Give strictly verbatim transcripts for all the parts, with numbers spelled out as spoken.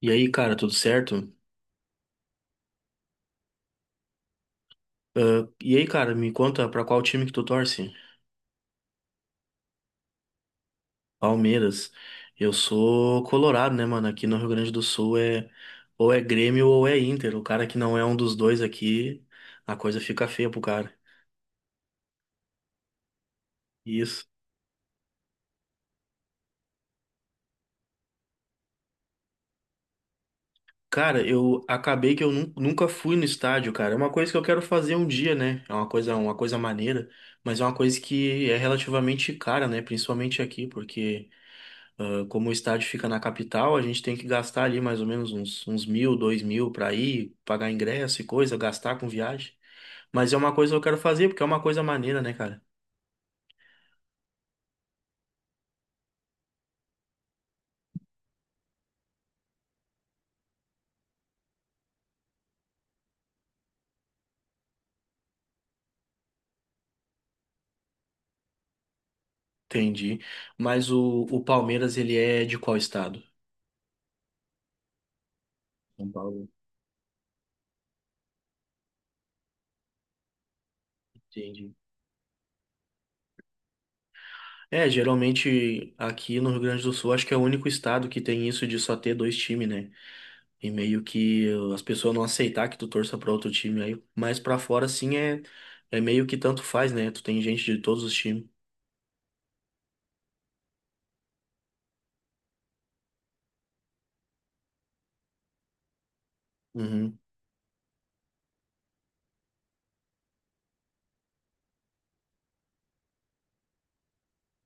E aí, cara, tudo certo? Ah, e aí, cara, me conta pra qual time que tu torce? Palmeiras. Eu sou colorado, né, mano? Aqui no Rio Grande do Sul é ou é Grêmio ou é Inter. O cara que não é um dos dois aqui, a coisa fica feia pro cara. Isso. Cara, eu acabei que eu nun- nunca fui no estádio, cara. É uma coisa que eu quero fazer um dia, né? É uma coisa, uma coisa maneira, mas é uma coisa que é relativamente cara, né? Principalmente aqui, porque Ah, como o estádio fica na capital, a gente tem que gastar ali mais ou menos uns, uns mil, dois mil para ir, pagar ingresso e coisa, gastar com viagem. Mas é uma coisa que eu quero fazer, porque é uma coisa maneira, né, cara? Entendi. Mas o, o Palmeiras, ele é de qual estado? São Paulo. Entendi. É, geralmente aqui no Rio Grande do Sul, acho que é o único estado que tem isso de só ter dois times, né? E meio que uh, as pessoas não aceitar que tu torça pra outro time aí. Mas pra fora, sim, é, é meio que tanto faz, né? Tu tem gente de todos os times. Uhum.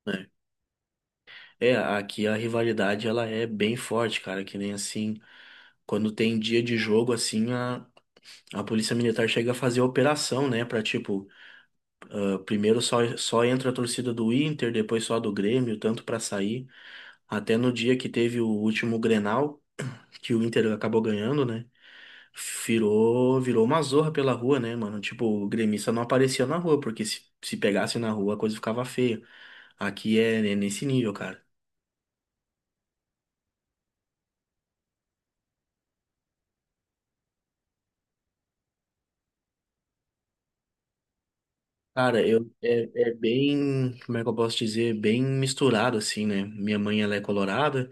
Né? É, aqui a rivalidade ela é bem forte, cara, que nem assim, quando tem dia de jogo assim, a, a Polícia Militar chega a fazer operação, né, pra, tipo, ah, primeiro só só entra a torcida do Inter, depois só a do Grêmio, tanto pra sair, até no dia que teve o último Grenal, que o Inter acabou ganhando, né? Virou, virou uma zorra pela rua, né, mano? Tipo, o gremista não aparecia na rua, porque se, se pegasse na rua a coisa ficava feia. Aqui é é nesse nível, cara. Cara, eu é, é bem, como é que eu posso dizer, bem misturado assim, né? Minha mãe ela é colorada.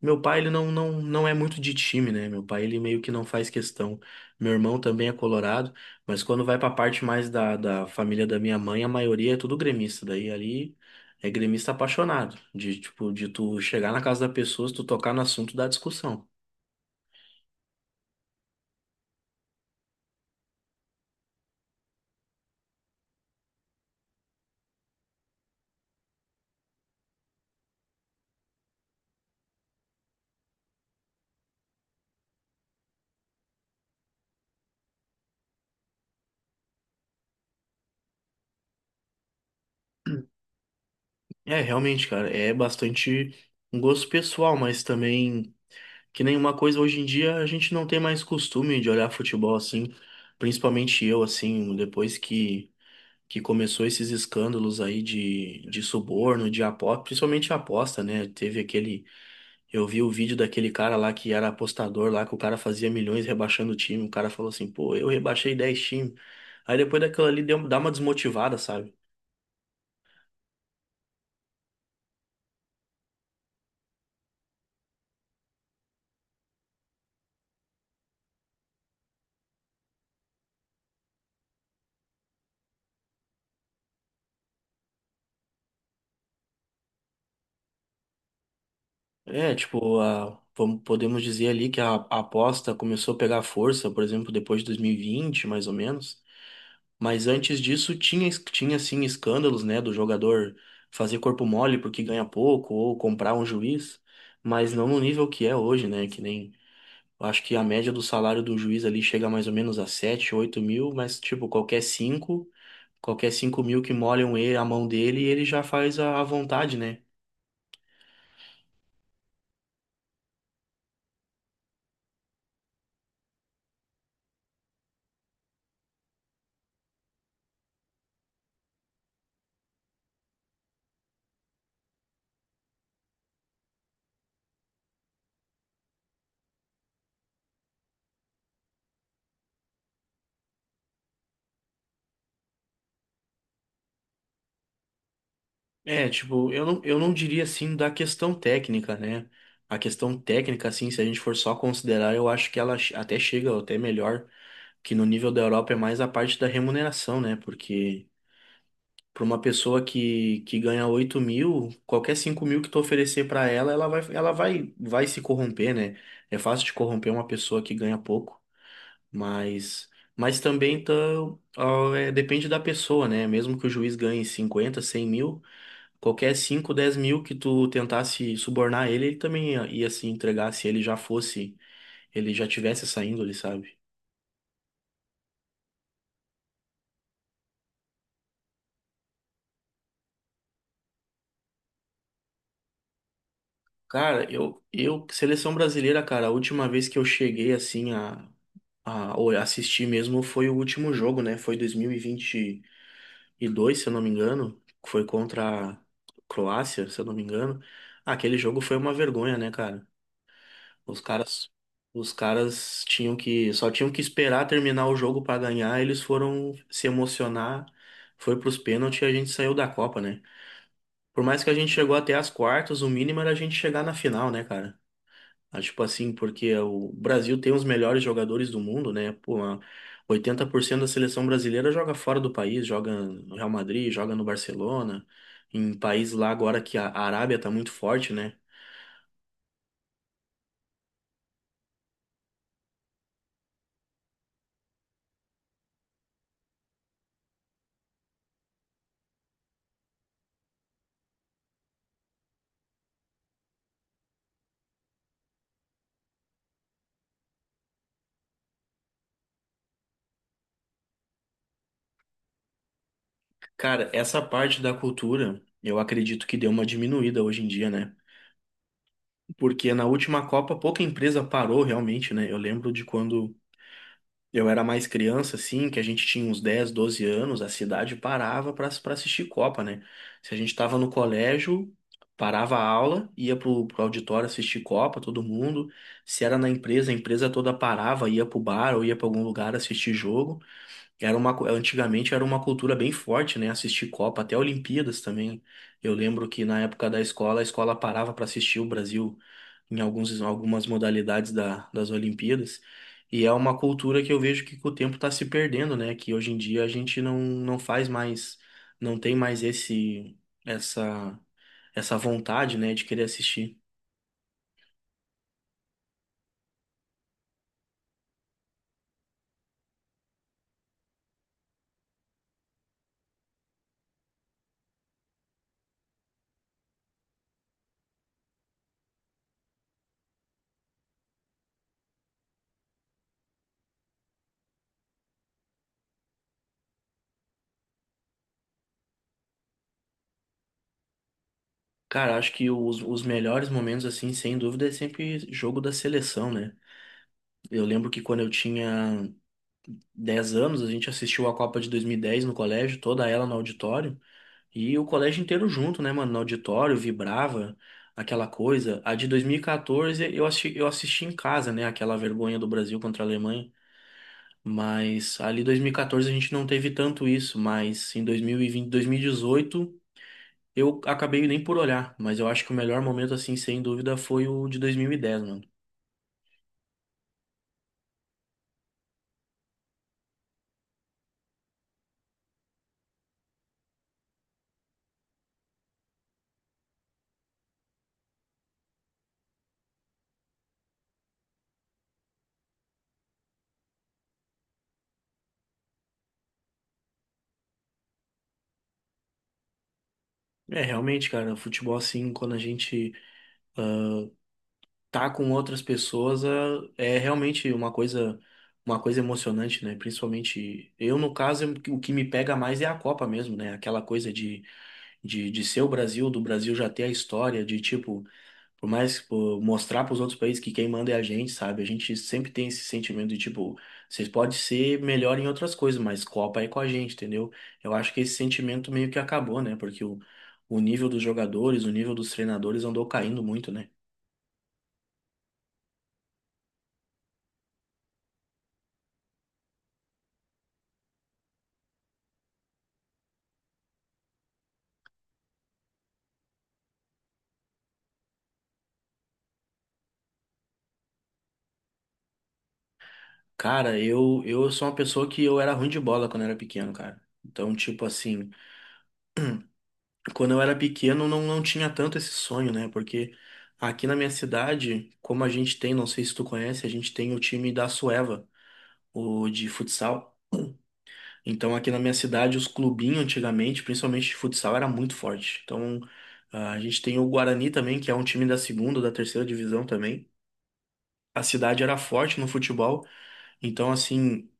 Meu pai ele não, não, não é muito de time, né? Meu pai ele meio que não faz questão. Meu irmão também é colorado, mas quando vai pra parte mais da, da família da minha mãe, a maioria é tudo gremista. Daí ali é gremista apaixonado, de tipo de tu chegar na casa da pessoa, se tu tocar no assunto da discussão. É, realmente, cara, é bastante um gosto pessoal, mas também que nenhuma coisa hoje em dia a gente não tem mais costume de olhar futebol assim, principalmente eu assim, depois que que começou esses escândalos aí de, de suborno, de aposta, principalmente aposta, né? Teve aquele, eu vi o vídeo daquele cara lá que era apostador lá que o cara fazia milhões rebaixando o time, o cara falou assim: "Pô, eu rebaixei dez times". Aí depois daquilo ali deu, dá uma desmotivada, sabe? É, tipo, a, vamos- podemos dizer ali que a, a aposta começou a pegar força, por exemplo, depois de dois mil e vinte, mais ou menos. Mas antes disso tinha, es- tinha sim escândalos, né, do jogador fazer corpo mole porque ganha pouco ou comprar um juiz, mas não no nível que é hoje, né, que nem eu acho que a média do salário do juiz ali chega mais ou menos a sete oito mil, mas tipo, qualquer cinco qualquer cinco mil que molham ele, a mão dele, ele já faz a, a vontade, né? É, tipo, eu não, eu não diria assim da questão técnica, né? A questão técnica, assim, se a gente for só considerar, eu acho que ela che- até chega até melhor que no nível da Europa é mais a parte da remuneração, né? Porque para uma pessoa que, que ganha oito mil, qualquer cinco mil que tu oferecer para ela, ela vai, ela vai, vai se corromper, né? É fácil de corromper uma pessoa que ganha pouco, mas, mas também tá, ó, é, depende da pessoa, né? Mesmo que o juiz ganhe cinquenta, cem mil, qualquer cinco, dez mil que tu tentasse subornar ele, ele também ia, ia se entregar se ele já fosse, ele já tivesse essa índole, sabe? Cara, eu, eu, seleção brasileira, cara, a última vez que eu cheguei assim a, a ou assistir mesmo foi o último jogo, né? Foi dois mil e e vinte e dois se eu não me engano. Foi contra a Croácia, se eu não me engano. Aquele jogo foi uma vergonha, né, cara? Os caras, os caras tinham que, só tinham que esperar terminar o jogo pra ganhar. Eles foram se emocionar, foi pros pênaltis e a gente saiu da Copa, né? Por mais que a gente chegou até as quartas, o mínimo era a gente chegar na final, né, cara? Ah, Tipo assim, porque o Brasil tem os melhores jogadores do mundo, né? Pô, a- oitenta por cento da seleção brasileira joga fora do país, joga no Real Madrid, joga no Barcelona, em países lá agora que a a Arábia tá muito forte, né? Cara, essa parte da cultura, eu acredito que deu uma diminuída hoje em dia, né? Porque na última Copa pouca empresa parou realmente, né? Eu lembro de quando eu era mais criança, assim, que a gente tinha uns dez doze anos, a cidade parava para assistir Copa, né? Se a gente tava no colégio, parava a aula, ia pro, pro auditório assistir Copa, todo mundo. Se era na empresa, a empresa toda parava, ia pro bar ou ia pra algum lugar assistir jogo. Era uma, cu- antigamente era uma cultura bem forte, né? Assistir Copa, até Olimpíadas também. Eu lembro que na época da escola, a escola parava para assistir o Brasil em alguns, algumas modalidades da, das Olimpíadas. E é uma cultura que eu vejo que com o tempo está se perdendo, né? Que hoje em dia a gente não, não faz mais, não tem mais esse, essa, essa vontade, né, de querer assistir. Cara, acho que os, os melhores momentos, assim, sem dúvida, é sempre jogo da seleção, né? Eu lembro que quando eu tinha dez anos, a gente assistiu a Copa de dois mil e dez no colégio, toda ela no auditório. E o colégio inteiro junto, né, mano? No auditório, vibrava aquela coisa. A de dois mil e quatorze eu assisti, eu assisti em casa, né? Aquela vergonha do Brasil contra a Alemanha. Mas ali dois mil e quatorze a gente não teve tanto isso. Mas em dois mil e vinte, dois mil e dezoito eu acabei nem por olhar. Mas eu acho que o melhor momento, assim, sem dúvida, foi o de dois mil e dez, mano. É, realmente, cara, o futebol, assim, quando a gente tá com outras pessoas é, é realmente uma coisa, uma coisa emocionante, né? Principalmente eu, no caso, eu- o que me pega mais é a Copa mesmo, né? Aquela coisa de, de, de ser o Brasil, do Brasil já ter a história, de tipo, por mais pô, mostrar para os outros países que quem manda é a gente, sabe? A gente sempre tem esse sentimento de tipo, vocês podem ser melhor em outras coisas, mas Copa é com a gente, entendeu? Eu acho que esse sentimento meio que acabou, né? Porque o, o nível dos jogadores, o nível dos treinadores andou caindo muito, né? Cara, eu, eu sou uma pessoa que eu era ruim de bola quando eu era pequeno, cara. Então, tipo assim, quando eu era pequeno não, não tinha tanto esse sonho, né? Porque aqui na minha cidade, como a gente tem, não sei se tu conhece, a gente tem o time da Sueva, o de futsal. Então, aqui na minha cidade, os clubinhos antigamente, principalmente de futsal, era muito forte. Então, a gente tem o Guarani também, que é um time da segunda, da terceira divisão também. A cidade era forte no futebol, então assim.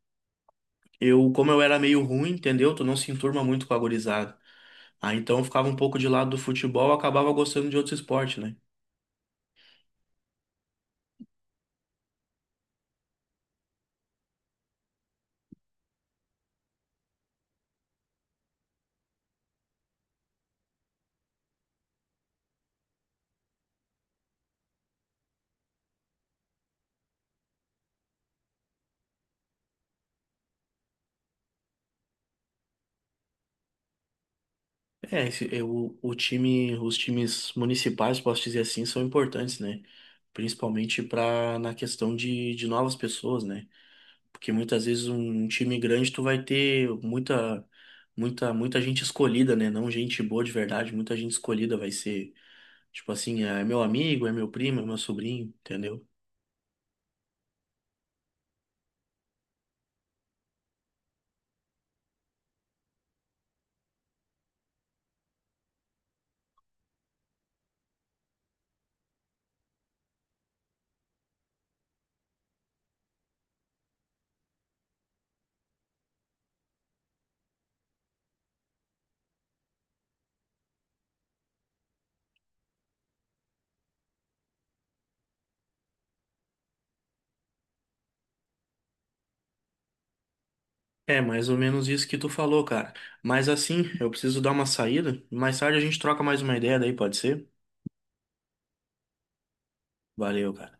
Eu, como eu era meio ruim, entendeu? Tu não se enturma muito com a gurizada. Ah, então eu ficava um pouco de lado do futebol, eu acabava gostando de outro esporte, né? É, esse, eu, o time, os times municipais, posso dizer assim, são importantes, né? Principalmente para na questão de, de novas pessoas, né? Porque muitas vezes um um time grande tu vai ter muita muita muita gente escolhida, né? Não gente boa de verdade, muita gente escolhida vai ser, tipo assim, é meu amigo, é meu primo, é meu sobrinho, entendeu? É mais ou menos isso que tu falou, cara. Mas assim, eu preciso dar uma saída. Mais tarde a gente troca mais uma ideia daí, pode ser? Valeu, cara.